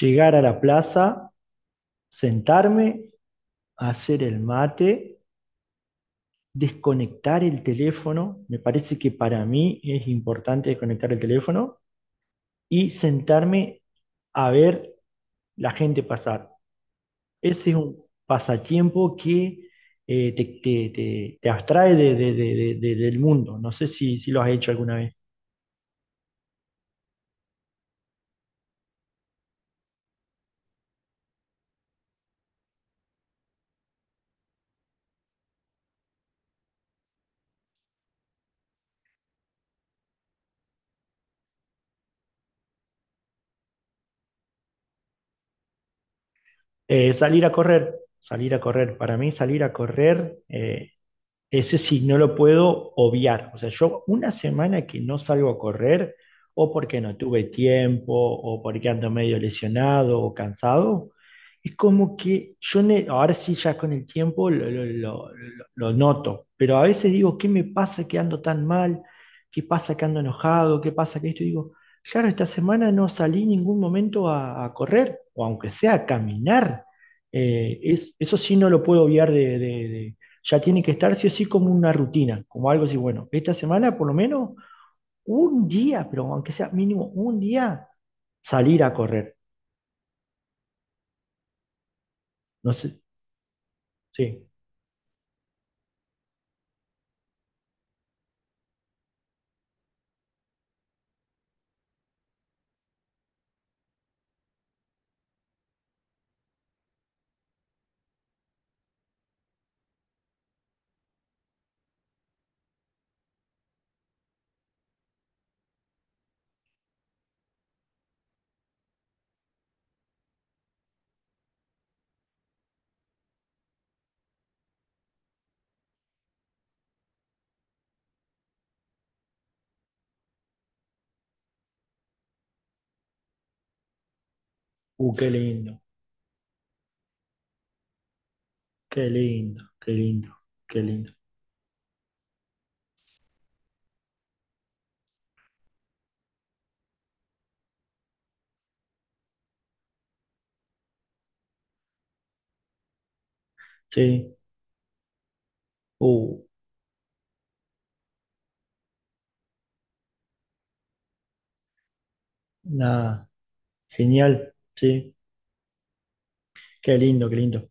Llegar a la plaza, sentarme, hacer el mate, desconectar el teléfono. Me parece que para mí es importante desconectar el teléfono y sentarme a ver la gente pasar. Ese es un pasatiempo que te abstrae del mundo. No sé si lo has hecho alguna vez. Eh, salir a correr, Salir a correr. Para mí salir a correr. Ese sí, no lo puedo obviar. O sea, yo una semana que no salgo a correr, o porque no tuve tiempo, o porque ando medio lesionado o cansado, es como que yo, ahora sí ya con el tiempo lo noto, pero a veces digo, ¿qué me pasa que ando tan mal? ¿Qué pasa que ando enojado? ¿Qué pasa que esto? Y digo, claro, esta semana no salí en ningún momento a correr, o aunque sea a caminar. Eso sí no lo puedo obviar, ya tiene que estar sí o sí como una rutina, como algo así, bueno, esta semana por lo menos un día, pero aunque sea mínimo un día, salir a correr. No sé, sí. Qué lindo, qué lindo, qué lindo, qué lindo. Sí, uh, nada, genial, sí, qué lindo, qué lindo.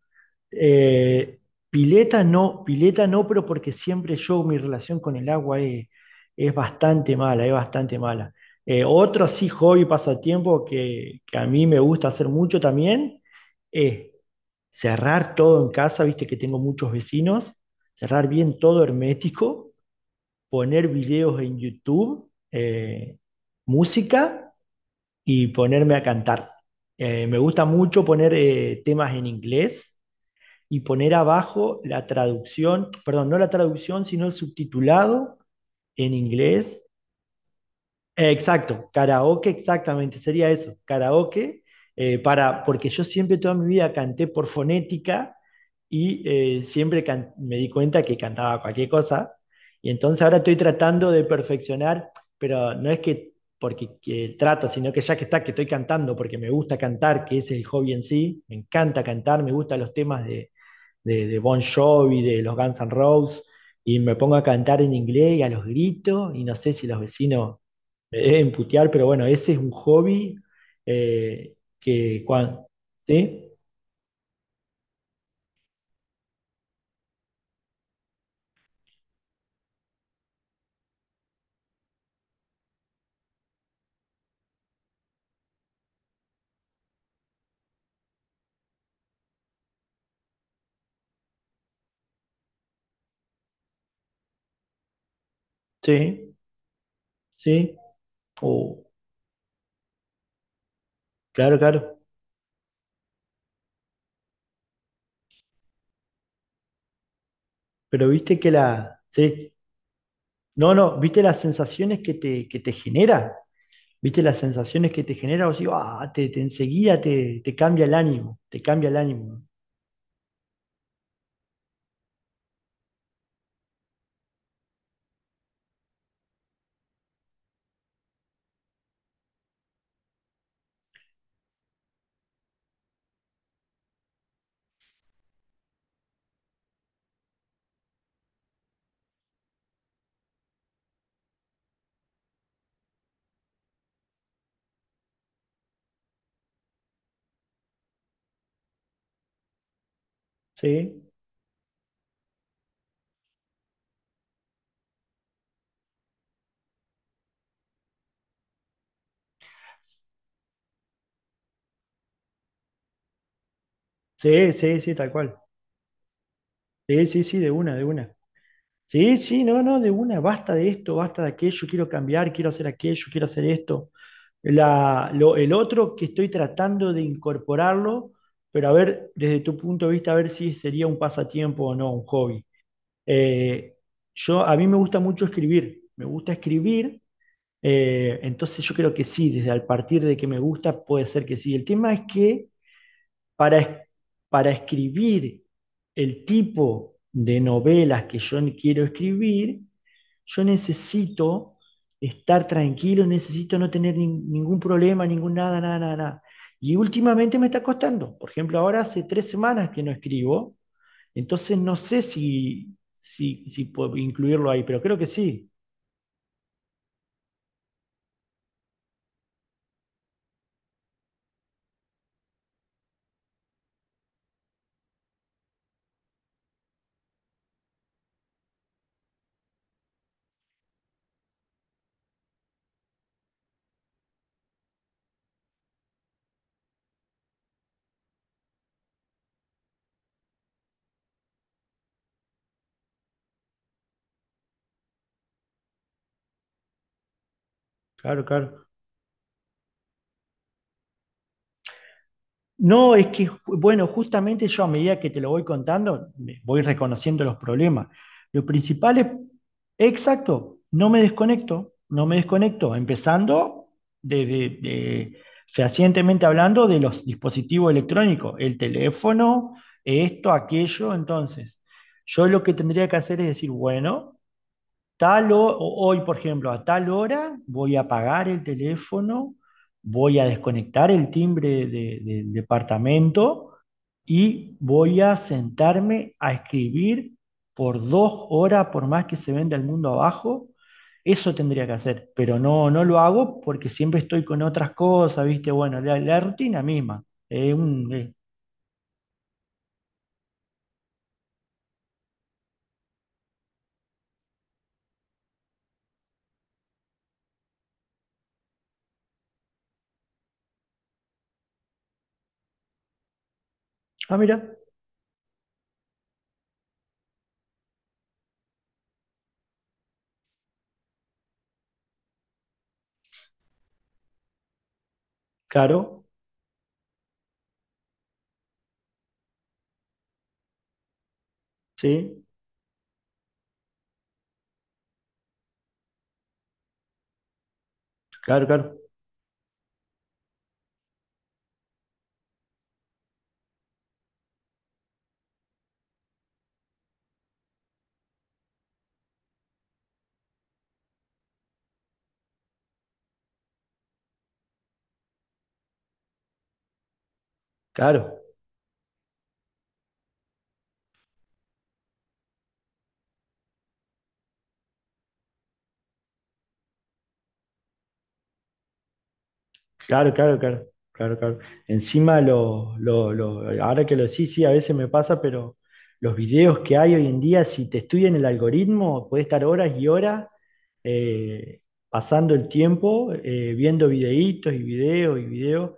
Eh, pileta no, pileta no, pero porque siempre yo, mi relación con el agua es bastante mala, es bastante mala. Otro así hobby, pasatiempo que a mí me gusta hacer mucho también es cerrar todo en casa, viste que tengo muchos vecinos, cerrar bien todo hermético, poner videos en YouTube, música y ponerme a cantar. Me gusta mucho poner temas en inglés y poner abajo la traducción, perdón, no la traducción, sino el subtitulado en inglés. Exacto, karaoke, exactamente, sería eso, karaoke, porque yo siempre toda mi vida canté por fonética y me di cuenta que cantaba cualquier cosa. Y entonces ahora estoy tratando de perfeccionar, pero no es que porque que trato, sino que ya que está, que estoy cantando, porque me gusta cantar, que es el hobby en sí, me encanta cantar, me gustan los temas de Bon Jovi, de los Guns N' Roses, y me pongo a cantar en inglés y a los gritos, y no sé si los vecinos me deben putear, pero bueno, ese es un hobby que cuando... Sí, sí, sí, oh, claro, claro, pero viste que la... Sí, no, no, viste las sensaciones que te genera, viste las sensaciones que te genera, o sea, ah, te enseguida te cambia el ánimo, te cambia el ánimo, sí, sí, sí, sí, tal cual. Sí, sí, sí, de una, de una. Sí, sí, no, no, de una, basta de esto, basta de aquello, quiero cambiar, quiero hacer aquello, quiero hacer esto. El otro que estoy tratando de incorporarlo, pero a ver, desde tu punto de vista, a ver si sería un pasatiempo o no, un hobby. Eh, yo, a mí me gusta mucho escribir, me gusta escribir, entonces yo creo que sí, desde al partir de que me gusta, puede ser que sí. El tema es que para, para escribir el tipo de novelas que yo quiero escribir, yo necesito estar tranquilo, necesito no tener ningún problema, ningún nada, nada, nada, nada. Y últimamente me está costando. Por ejemplo, ahora hace 3 semanas que no escribo, entonces no sé si puedo incluirlo ahí, pero creo que sí. Claro, claro. No, es que, bueno, justamente yo a medida que te lo voy contando, voy reconociendo los problemas. Lo principal es, exacto, no me desconecto, no me desconecto, empezando desde, de- fehacientemente hablando de los dispositivos electrónicos, el teléfono, esto, aquello, entonces, yo lo que tendría que hacer es decir, bueno, hoy, por ejemplo, a tal hora voy a apagar el teléfono, voy a desconectar el timbre del departamento y voy a sentarme a escribir por 2 horas, por más que se venda el mundo abajo. Eso tendría que hacer, pero no, no lo hago porque siempre estoy con otras cosas, ¿viste? Bueno, la rutina misma. es un, eh, Ah, mira, claro, sí, claro, claro, claro. Claro, claro, claro, claro, claro. Encima, ahora que lo sí, sí, a veces me pasa, pero los videos que hay hoy en día, si te estudian el algoritmo, puedes estar horas y horas eh, pasando el tiempo viendo videitos y videos y videos.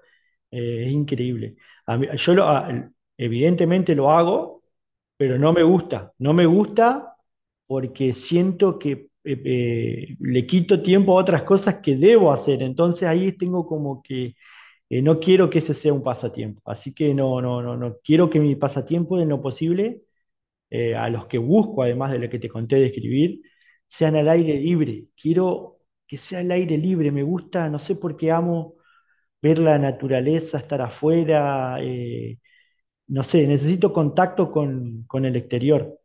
Es increíble. A mí- yo lo- a- Evidentemente lo hago, pero no me gusta. No me gusta porque siento que le quito tiempo a otras cosas que debo hacer. Entonces ahí tengo como que no quiero que ese sea un pasatiempo. Así que no, no, no, no quiero que mi pasatiempo en lo posible, a los que busco, además de lo que te conté de escribir, sean al aire libre. Quiero que sea al aire libre. Me gusta, no sé por qué amo ver la naturaleza, estar afuera. No sé, necesito contacto con el exterior.